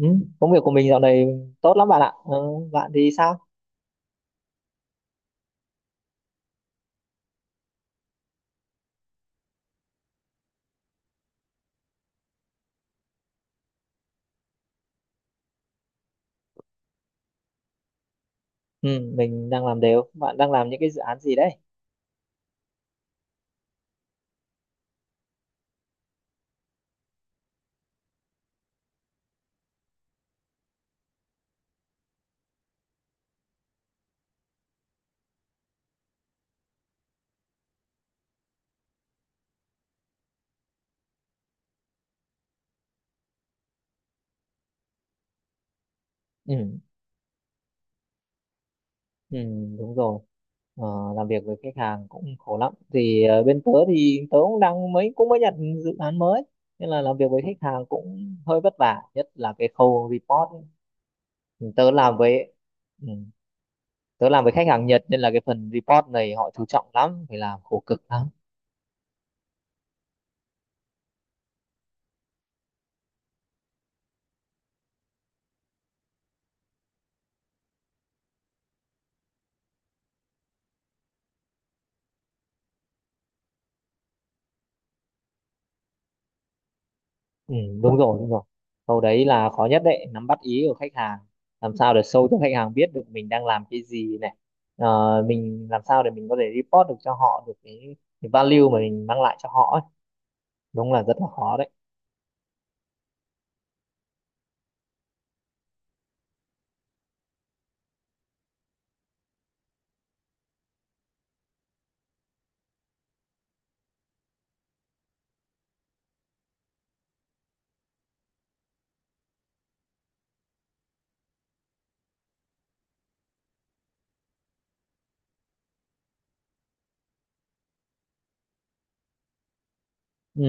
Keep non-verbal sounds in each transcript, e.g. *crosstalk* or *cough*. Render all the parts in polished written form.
Ừ, công việc của mình dạo này tốt lắm bạn ạ. Ờ, bạn thì sao? Ừ, mình đang làm đều. Bạn đang làm những cái dự án gì đấy? Ừ, ừ, đúng rồi. Ờ, làm việc với khách hàng cũng khổ lắm. Thì bên tớ thì tớ cũng mới nhận dự án mới. Nên là làm việc với khách hàng cũng hơi vất vả, nhất là cái khâu report ấy. Ừ, ừ, tớ làm với khách hàng Nhật nên là cái phần report này họ chú trọng lắm, phải làm khổ cực lắm. Ừ, đúng rồi, đúng rồi. Câu đấy là khó nhất đấy, nắm bắt ý của khách hàng. Làm sao để show cho khách hàng biết được mình đang làm cái gì này. Mình làm sao để mình có thể report được cho họ được cái value mà mình mang lại cho họ ấy. Đúng là rất là khó đấy. Ừ,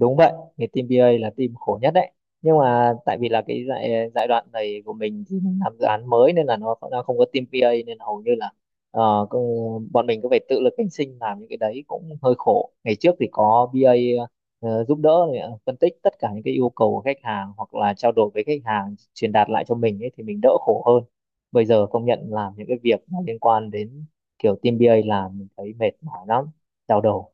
đúng vậy, cái team BA là team khổ nhất đấy. Nhưng mà tại vì là cái giai giai đoạn này của mình thì mình làm dự án mới nên là nó không có team BA nên hầu như là bọn mình cứ phải tự lực cánh sinh làm những cái đấy cũng hơi khổ. Ngày trước thì có BA giúp đỡ này, phân tích tất cả những cái yêu cầu của khách hàng hoặc là trao đổi với khách hàng truyền đạt lại cho mình ấy thì mình đỡ khổ hơn. Bây giờ công nhận làm những cái việc mà liên quan đến kiểu team BA làm mình thấy mệt mỏi lắm, đau đầu.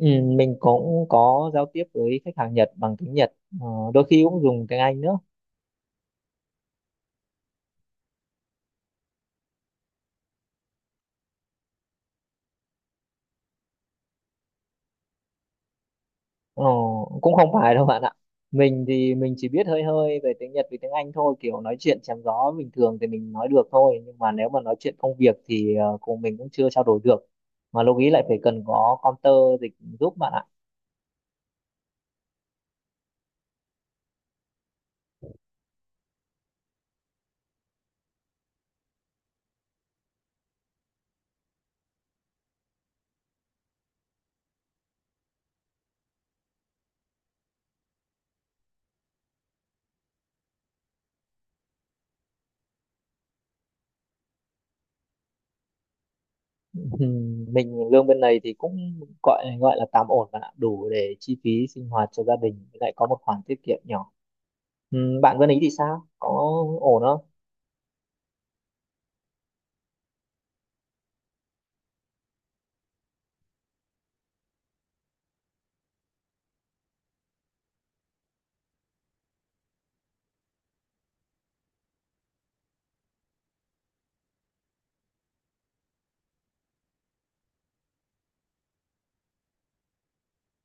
Ừ, mình cũng có giao tiếp với khách hàng Nhật bằng tiếng Nhật, ờ, đôi khi cũng dùng tiếng Anh nữa. Ờ, cũng không phải đâu bạn ạ, mình thì mình chỉ biết hơi hơi về tiếng Nhật với tiếng Anh thôi, kiểu nói chuyện chém gió bình thường thì mình nói được thôi, nhưng mà nếu mà nói chuyện công việc thì cùng mình cũng chưa trao đổi được, mà lúc ý lại phải cần có counter dịch giúp bạn ạ. Ừ, mình lương bên này thì cũng gọi gọi là tạm ổn bạn ạ, đủ để chi phí sinh hoạt cho gia đình, lại có một khoản tiết kiệm nhỏ. Bạn bên ý thì sao, có ổn không?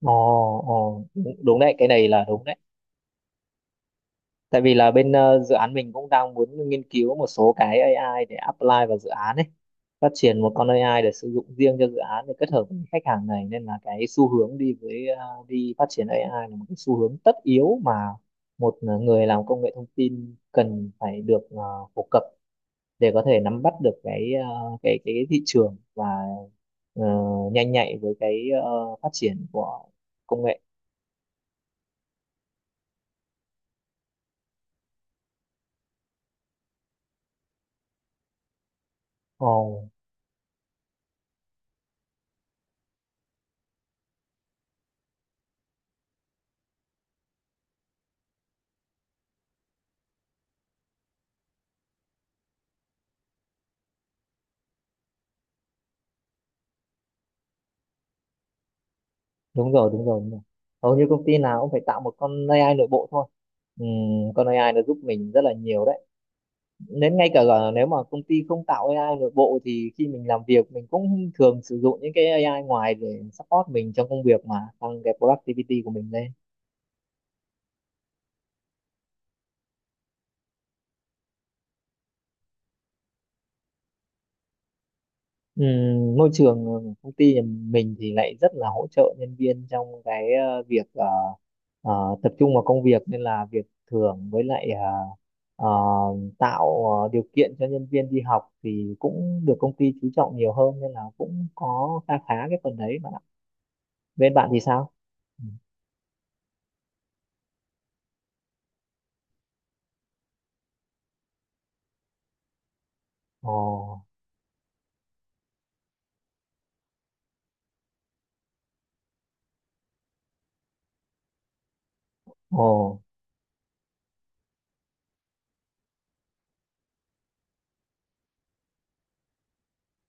Ồ, ồ, đúng, đúng đấy, cái này là đúng đấy. Tại vì là bên dự án mình cũng đang muốn nghiên cứu một số cái AI để apply vào dự án ấy. Phát triển một con AI để sử dụng riêng cho dự án để kết hợp với khách hàng này, nên là cái xu hướng đi với đi phát triển AI là một cái xu hướng tất yếu mà một người làm công nghệ thông tin cần phải được phổ cập để có thể nắm bắt được cái thị trường và ờ, nhanh nhạy với cái phát triển của công nghệ. Ồ. Đúng rồi, đúng rồi, đúng rồi, hầu như công ty nào cũng phải tạo một con AI nội bộ thôi. Ừm, con AI nó giúp mình rất là nhiều đấy, đến ngay cả là nếu mà công ty không tạo AI nội bộ thì khi mình làm việc mình cũng thường sử dụng những cái AI ngoài để support mình trong công việc mà tăng cái productivity của mình lên. Môi trường công ty nhà mình thì lại rất là hỗ trợ nhân viên trong cái việc ờ, tập trung vào công việc, nên là việc thưởng với lại ờ, tạo điều kiện cho nhân viên đi học thì cũng được công ty chú trọng nhiều hơn, nên là cũng có khá khá cái phần đấy bạn ạ. Bên bạn thì sao? Ừ. Ồ, ồ.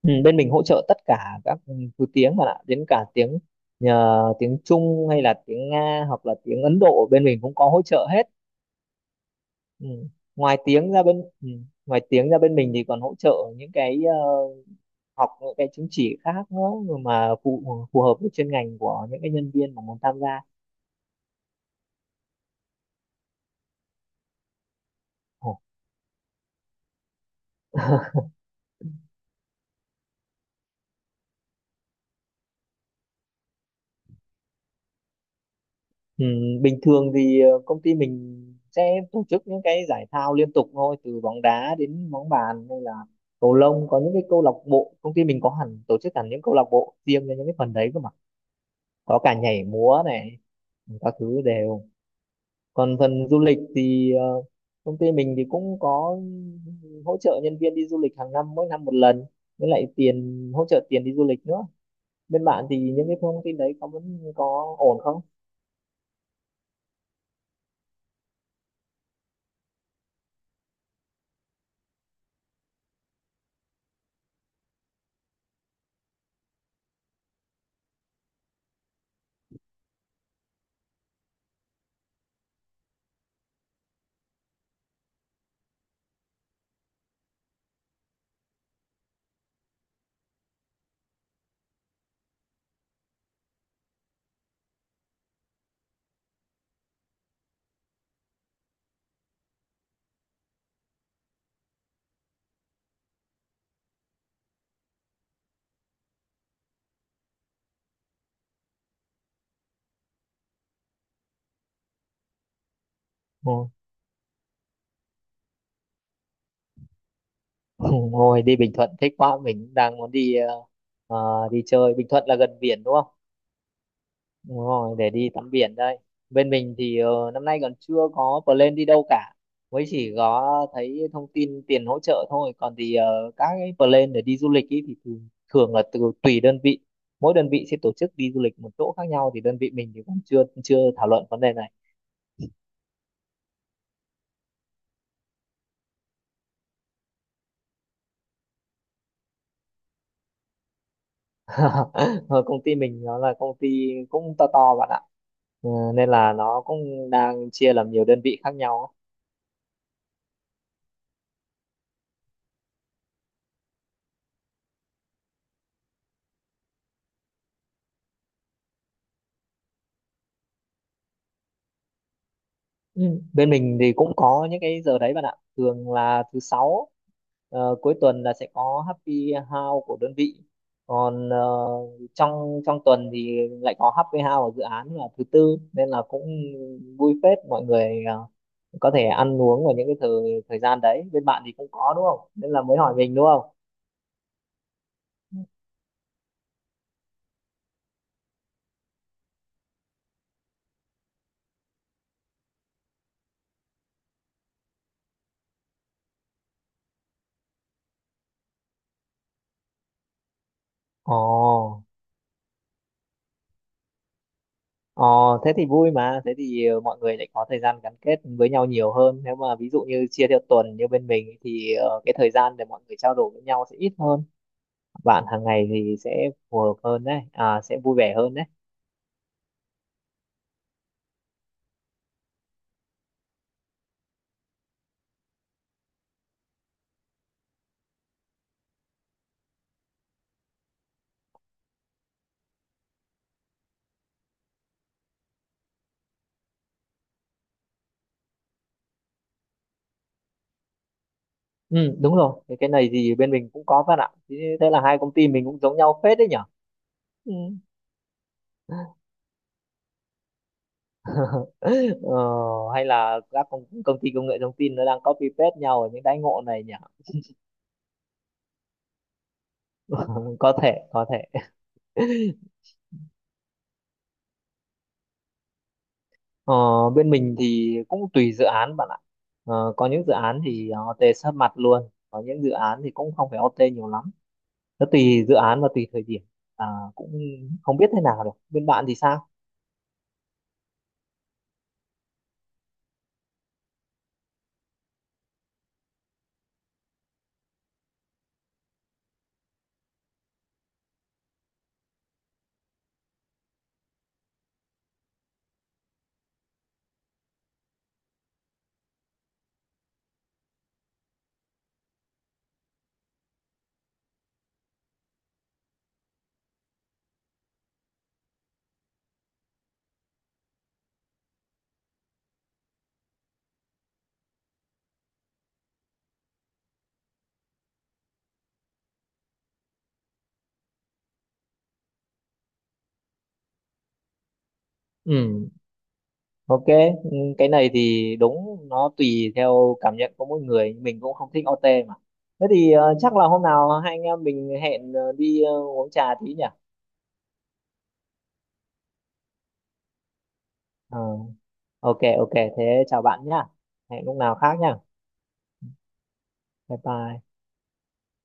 Ừ, bên mình hỗ trợ tất cả các thứ tiếng bạn ạ, đến cả tiếng nhờ tiếng Trung hay là tiếng Nga hoặc là tiếng Ấn Độ, bên mình cũng có hỗ trợ hết. Ừ. Ngoài tiếng ra bên ừ. Ngoài tiếng ra bên mình thì còn hỗ trợ những cái học những cái chứng chỉ khác nữa mà phù phù hợp với chuyên ngành của những cái nhân viên mà muốn tham gia. Ồ. *laughs* Ừ, bình thường thì công ty mình sẽ tổ chức những cái giải thao liên tục thôi, từ bóng đá đến bóng bàn hay là cầu lông. Có những cái câu lạc bộ, công ty mình có hẳn tổ chức hẳn những câu lạc bộ riêng cho những cái phần đấy cơ mà, có cả nhảy múa này, các thứ đều. Còn phần du lịch thì công ty mình thì cũng có hỗ trợ nhân viên đi du lịch hàng năm, mỗi năm một lần, với lại tiền hỗ trợ tiền đi du lịch nữa. Bên bạn thì những cái thông tin đấy có vẫn có ổn không? Ừ. *laughs* Ngồi đi Bình Thuận thích quá, mình cũng đang muốn đi, đi chơi Bình Thuận là gần biển đúng không? Đúng rồi, để đi tắm biển đây. Bên mình thì năm nay còn chưa có plan đi đâu cả. Mới chỉ có thấy thông tin tiền hỗ trợ thôi. Còn thì các cái plan để đi du lịch ý thì thường là tùy đơn vị. Mỗi đơn vị sẽ tổ chức đi du lịch một chỗ khác nhau, thì đơn vị mình thì còn chưa chưa thảo luận vấn đề này. *laughs* Ờ, Công ty mình nó là công ty cũng to to bạn ạ. Nên là nó cũng đang chia làm nhiều đơn vị khác nhau ấy. Ừ. Bên mình thì cũng có những cái giờ đấy bạn ạ. Thường là thứ sáu cuối tuần là sẽ có happy hour của đơn vị. Còn trong trong tuần thì lại có happy hour ở dự án là thứ tư, nên là cũng vui phết, mọi người có thể ăn uống vào những cái thời thời gian đấy. Bên bạn thì cũng có đúng không? Nên là mới hỏi mình đúng không? Ồ. Ờ, thế thì vui mà, thế thì mọi người lại có thời gian gắn kết với nhau nhiều hơn. Nếu mà ví dụ như chia theo tuần như bên mình thì cái thời gian để mọi người trao đổi với nhau sẽ ít hơn. Bạn hàng ngày thì sẽ phù hợp hơn đấy, à, sẽ vui vẻ hơn đấy. Ừ, đúng rồi, cái này thì bên mình cũng có bạn ạ. Thế Thế là hai công ty mình cũng giống nhau phết đấy nhở. Ừ. *laughs* Ờ, hay là các công ty công nghệ thông tin nó đang copy paste nhau ở những đãi ngộ này nhỉ? *laughs* Có thể, có thể. Ờ, bên mình thì cũng tùy dự án bạn ạ. Có những dự án thì OT sát mặt luôn, có những dự án thì cũng không phải OT nhiều lắm. Nó tùy dự án và tùy thời điểm. À, cũng không biết thế nào được. Bên bạn thì sao? Ừ, ok. Ừ, cái này thì đúng, nó tùy theo cảm nhận của mỗi người. Mình cũng không thích OT mà. Thế thì chắc là hôm nào hai anh em mình hẹn đi uống trà tí nhỉ? Ờ, ok, ok. Thế chào bạn nhá. Hẹn lúc nào khác nhá. Bye bye.